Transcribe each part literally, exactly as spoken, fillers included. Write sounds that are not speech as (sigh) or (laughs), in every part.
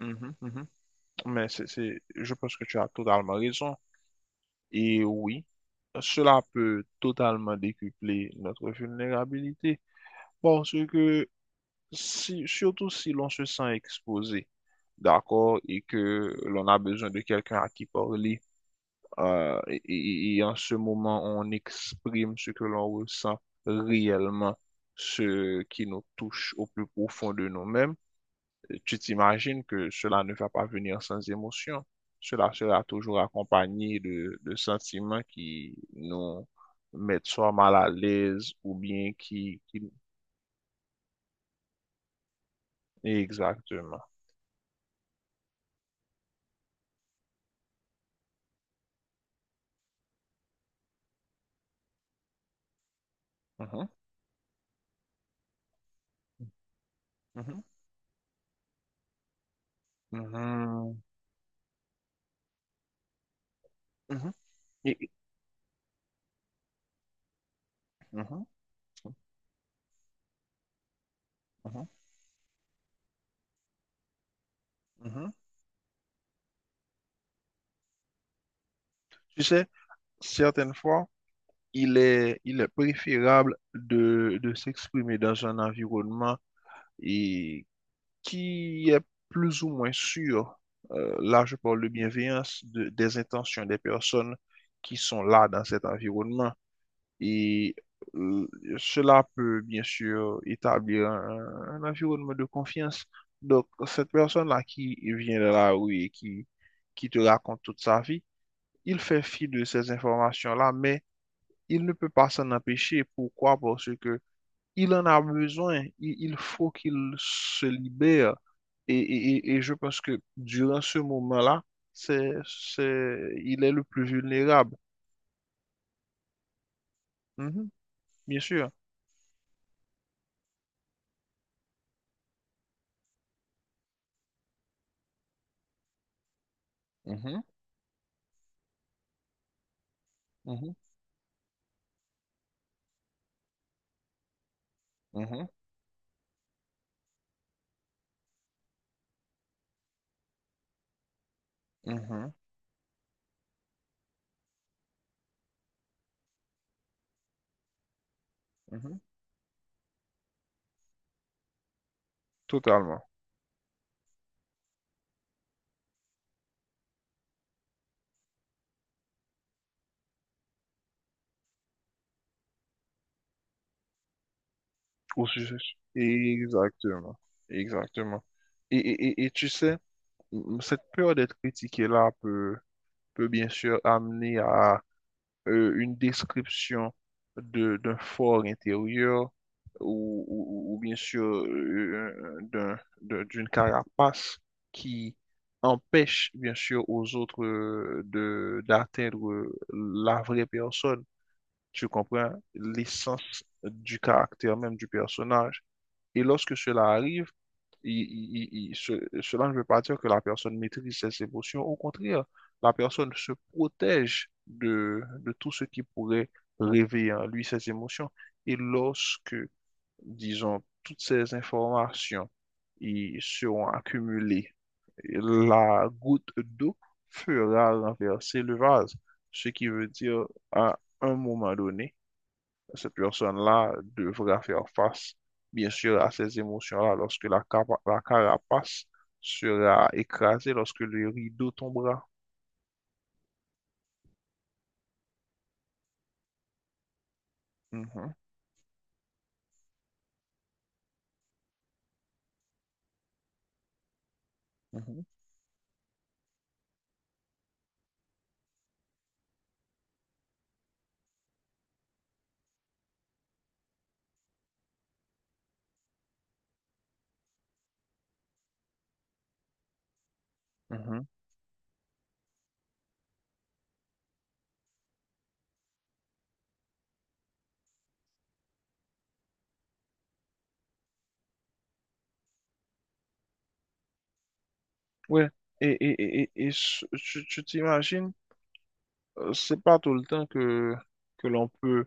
Mhm, mhm. Mais c'est, c'est- je pense que tu as totalement raison. Et oui, cela peut totalement décupler notre vulnérabilité parce que si, surtout si l'on se sent exposé, d'accord, et que l'on a besoin de quelqu'un à qui parler, euh, et, et- et en ce moment on exprime ce que l'on ressent réellement, ce qui nous touche au plus profond de nous-mêmes. Tu t'imagines que cela ne va pas venir sans émotion. Cela sera toujours accompagné de, de sentiments qui nous mettent soit mal à l'aise ou bien qui, qui... Exactement. Mhm, mhm, mhm, mhm, et- et- mhm, mhm, mhm. Tu sais, certaines fois, il est, il est préférable de, de s'exprimer dans un environnement et qui est plus ou moins sûr. Euh, là, je parle de bienveillance, de- des intentions des personnes qui sont là dans cet environnement. Et euh, cela peut bien sûr établir un, un environnement de confiance. Donc, cette personne-là qui vient de la rue et qui, qui te raconte toute sa vie, il fait fi de ces informations-là, mais il ne peut pas s'en empêcher. Pourquoi? Parce que il en a besoin, il, il faut qu'il se libère. Et, et- et- et je pense que durant ce moment-là, c'est, c'est, il est le plus vulnérable. Mhm, bien sûr. Mhm, mhm, mhm, mhm, mhm. Totalement. Au sujet. Exactement. Exactement. Et, et, et, et tu sais, m- cette peur d'être critiqué là peut, peut bien sûr amener à euh, une description de, d'un fort intérieur ou, ou- ou bien sûr euh, euh, d'un- d'un- d'une carapace qui empêche bien sûr aux autres euh, de d'atteindre euh, la vraie personne. Tu comprends l'essence du caractère même du personnage. Et lorsque cela arrive, il- il- il- il- ce- cela ne veut pas dire que la personne maîtrise ses émotions. Au contraire, la personne se protège de, de tout ce qui pourrait réveiller en lui ses émotions. Et lorsque, disons, toutes ces informations y seront accumulées, la goutte d'eau fera renverser le vase, ce qui veut dire à un moment donné cette personne-là devra faire face, bien sûr, à ces émotions-là lorsque la, capa- la carapace sera écrasée, lorsque le rideau tombera. Mhm, mhm, mhm. Ouais. Et, et, et, et- et ce- tu tu t'imagines, euh, c'est pas tout le temps que, que l'on peut,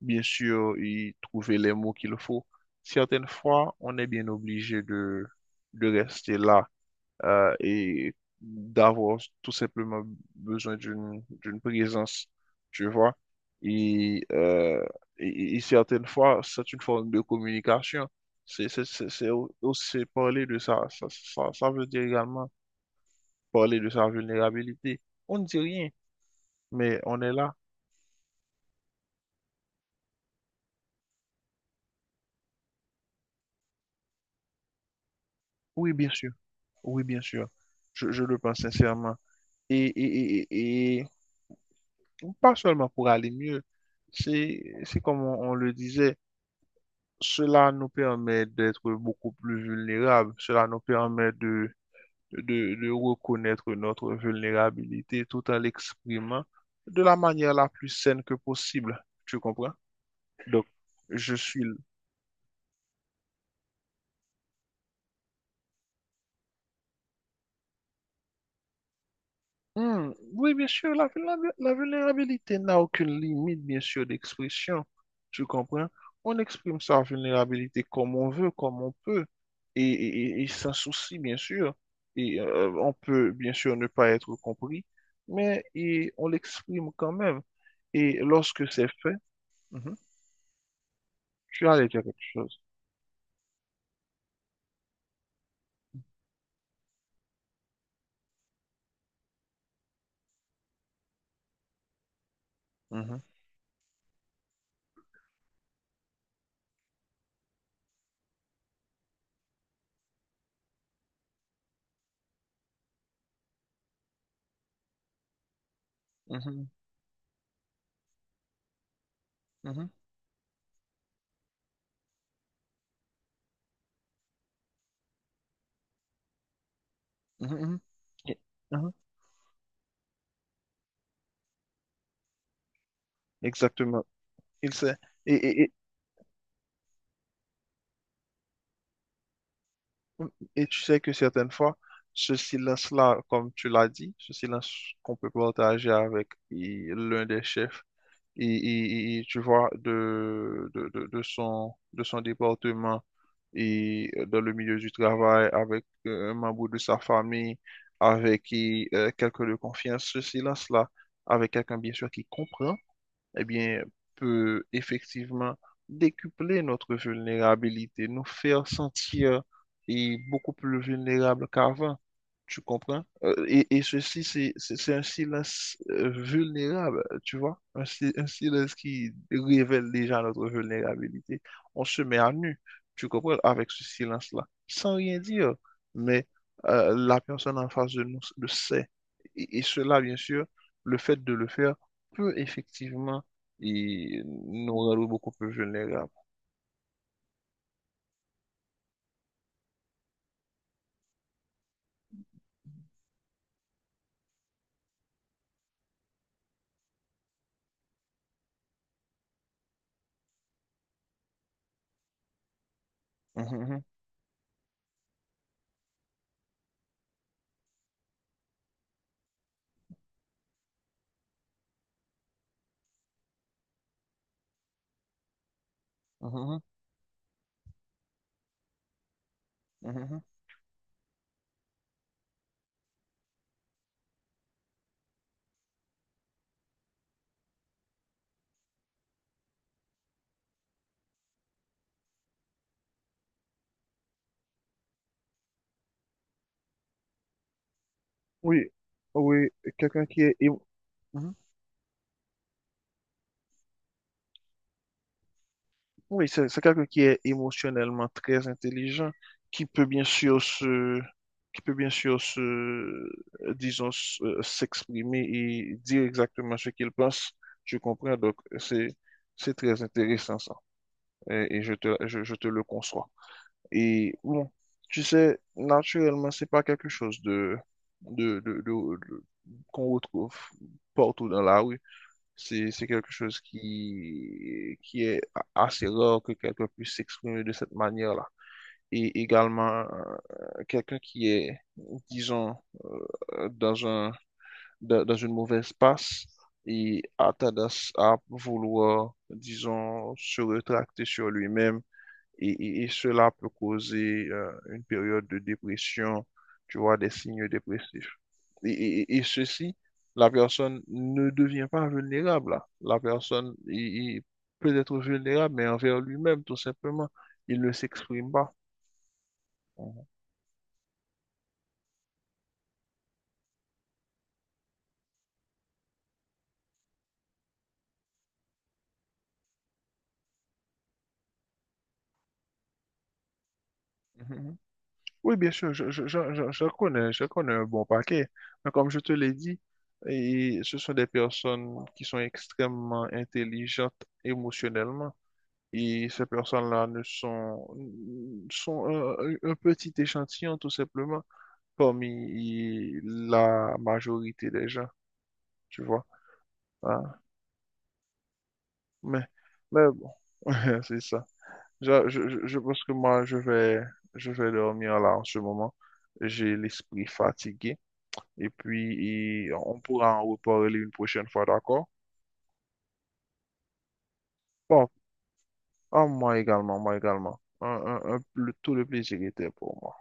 bien sûr, y trouver les mots qu'il faut. Certaines fois, on est bien obligé de, de rester là euh, et d'avoir tout simplement besoin d'une d'une présence, tu vois. Et, euh, et, et certaines fois, c'est une forme de communication. C'est c'est- c'est- c'est au- aussi parler de ça, ça, ça, ça veut dire également parler de sa vulnérabilité. On ne dit rien, mais on est là. Oui, bien sûr. Oui, bien sûr. Je, je le pense sincèrement. Et, et, et, et- et pas seulement pour aller mieux, c'est, c'est comme on, on le disait. Cela nous permet d'être beaucoup plus vulnérables. Cela nous permet de, de, de reconnaître notre vulnérabilité tout en l'exprimant de la manière la plus saine que possible. Tu comprends? Donc, je suis Hmm, oui, bien sûr, la, vulnéra- la vulnérabilité n'a aucune limite, bien sûr, d'expression. Tu comprends? On exprime sa vulnérabilité comme on veut, comme on peut, et, et, et- et sans souci, bien sûr. Et euh, on peut, bien sûr, ne pas être compris, mais et on l'exprime quand même. Et lorsque c'est fait, mhm, tu as déjà quelque chose. Mhm, mhm, mhm, mhm, mhm. Et- mhm, exactement. Il sait. Et tu sais que certaines fois, ce silence-là, comme tu l'as dit, ce silence qu'on peut partager avec et l'un des chefs, et, et- et- tu vois, de, de, de, de son, de son département et dans le milieu du travail, avec euh, un membre de sa famille, avec et, euh, quelqu'un de confiance, ce silence-là, avec quelqu'un, bien sûr, qui comprend eh bien, peut effectivement décupler notre vulnérabilité, nous faire sentir et beaucoup plus vulnérables qu'avant. Tu comprends? Euh, Et, et ceci, c'est c'est- c'est un silence euh, vulnérable, tu vois? Un, si- Un silence qui révèle déjà notre vulnérabilité. On se met à nu, tu comprends, avec ce silence-là, sans rien dire. Mais euh, la personne en face de nous le sait. Et, et cela, bien sûr, le fait de le faire peut effectivement et nous rendre beaucoup plus vulnérables. Mhm, mhm, mhm, oui, oui, quelqu'un qui est, émo- mhm, oui, c'est c'est quelqu'un qui est émotionnellement très intelligent, qui peut bien sûr se, qui peut bien sûr se, euh, disons, s- euh, s'exprimer et dire exactement ce qu'il pense. Je comprends, donc c'est, c'est très intéressant ça, et, et je te, je je te le conçois. Et bon, tu sais, naturellement, c'est pas quelque chose de, de, de- de- de- qu'on retrouve partout dans la rue. C'est, c'est quelque chose qui, qui est a- assez rare que quelqu'un puisse s'exprimer de cette manière-là. Et également, euh, quelqu'un qui est, disons, euh, dans un, dans, dans une mauvaise passe et a tendance à vouloir, disons, se retracter sur lui-même et, et- et cela peut causer euh, une période de dépression, tu vois, des signes dépressifs. Et, et- et ceci, la personne ne devient pas vulnérable là. La personne il- il peut être vulnérable, mais envers lui-même, tout simplement. Il ne s'exprime pas. Mhm. Mhm. Oui, bien sûr, je, je, je, je- je connais, je connais un bon paquet. Mais comme je te l'ai dit, et ce sont des personnes qui sont extrêmement intelligentes émotionnellement. Et ces personnes-là ne sont, sont un, un petit échantillon, tout simplement, parmi la majorité des gens, tu vois. Hein. Mais, mais bon, (laughs) c'est ça. Je, je, je je pense que moi, je vais, je vais dormir là en ce moment. J'ai l'esprit fatigué. Et puis, et on pourra en reparler une prochaine fois, d'accord? Bon, à moi également, moi également. Un- un- un- le- tout le plaisir était pour moi.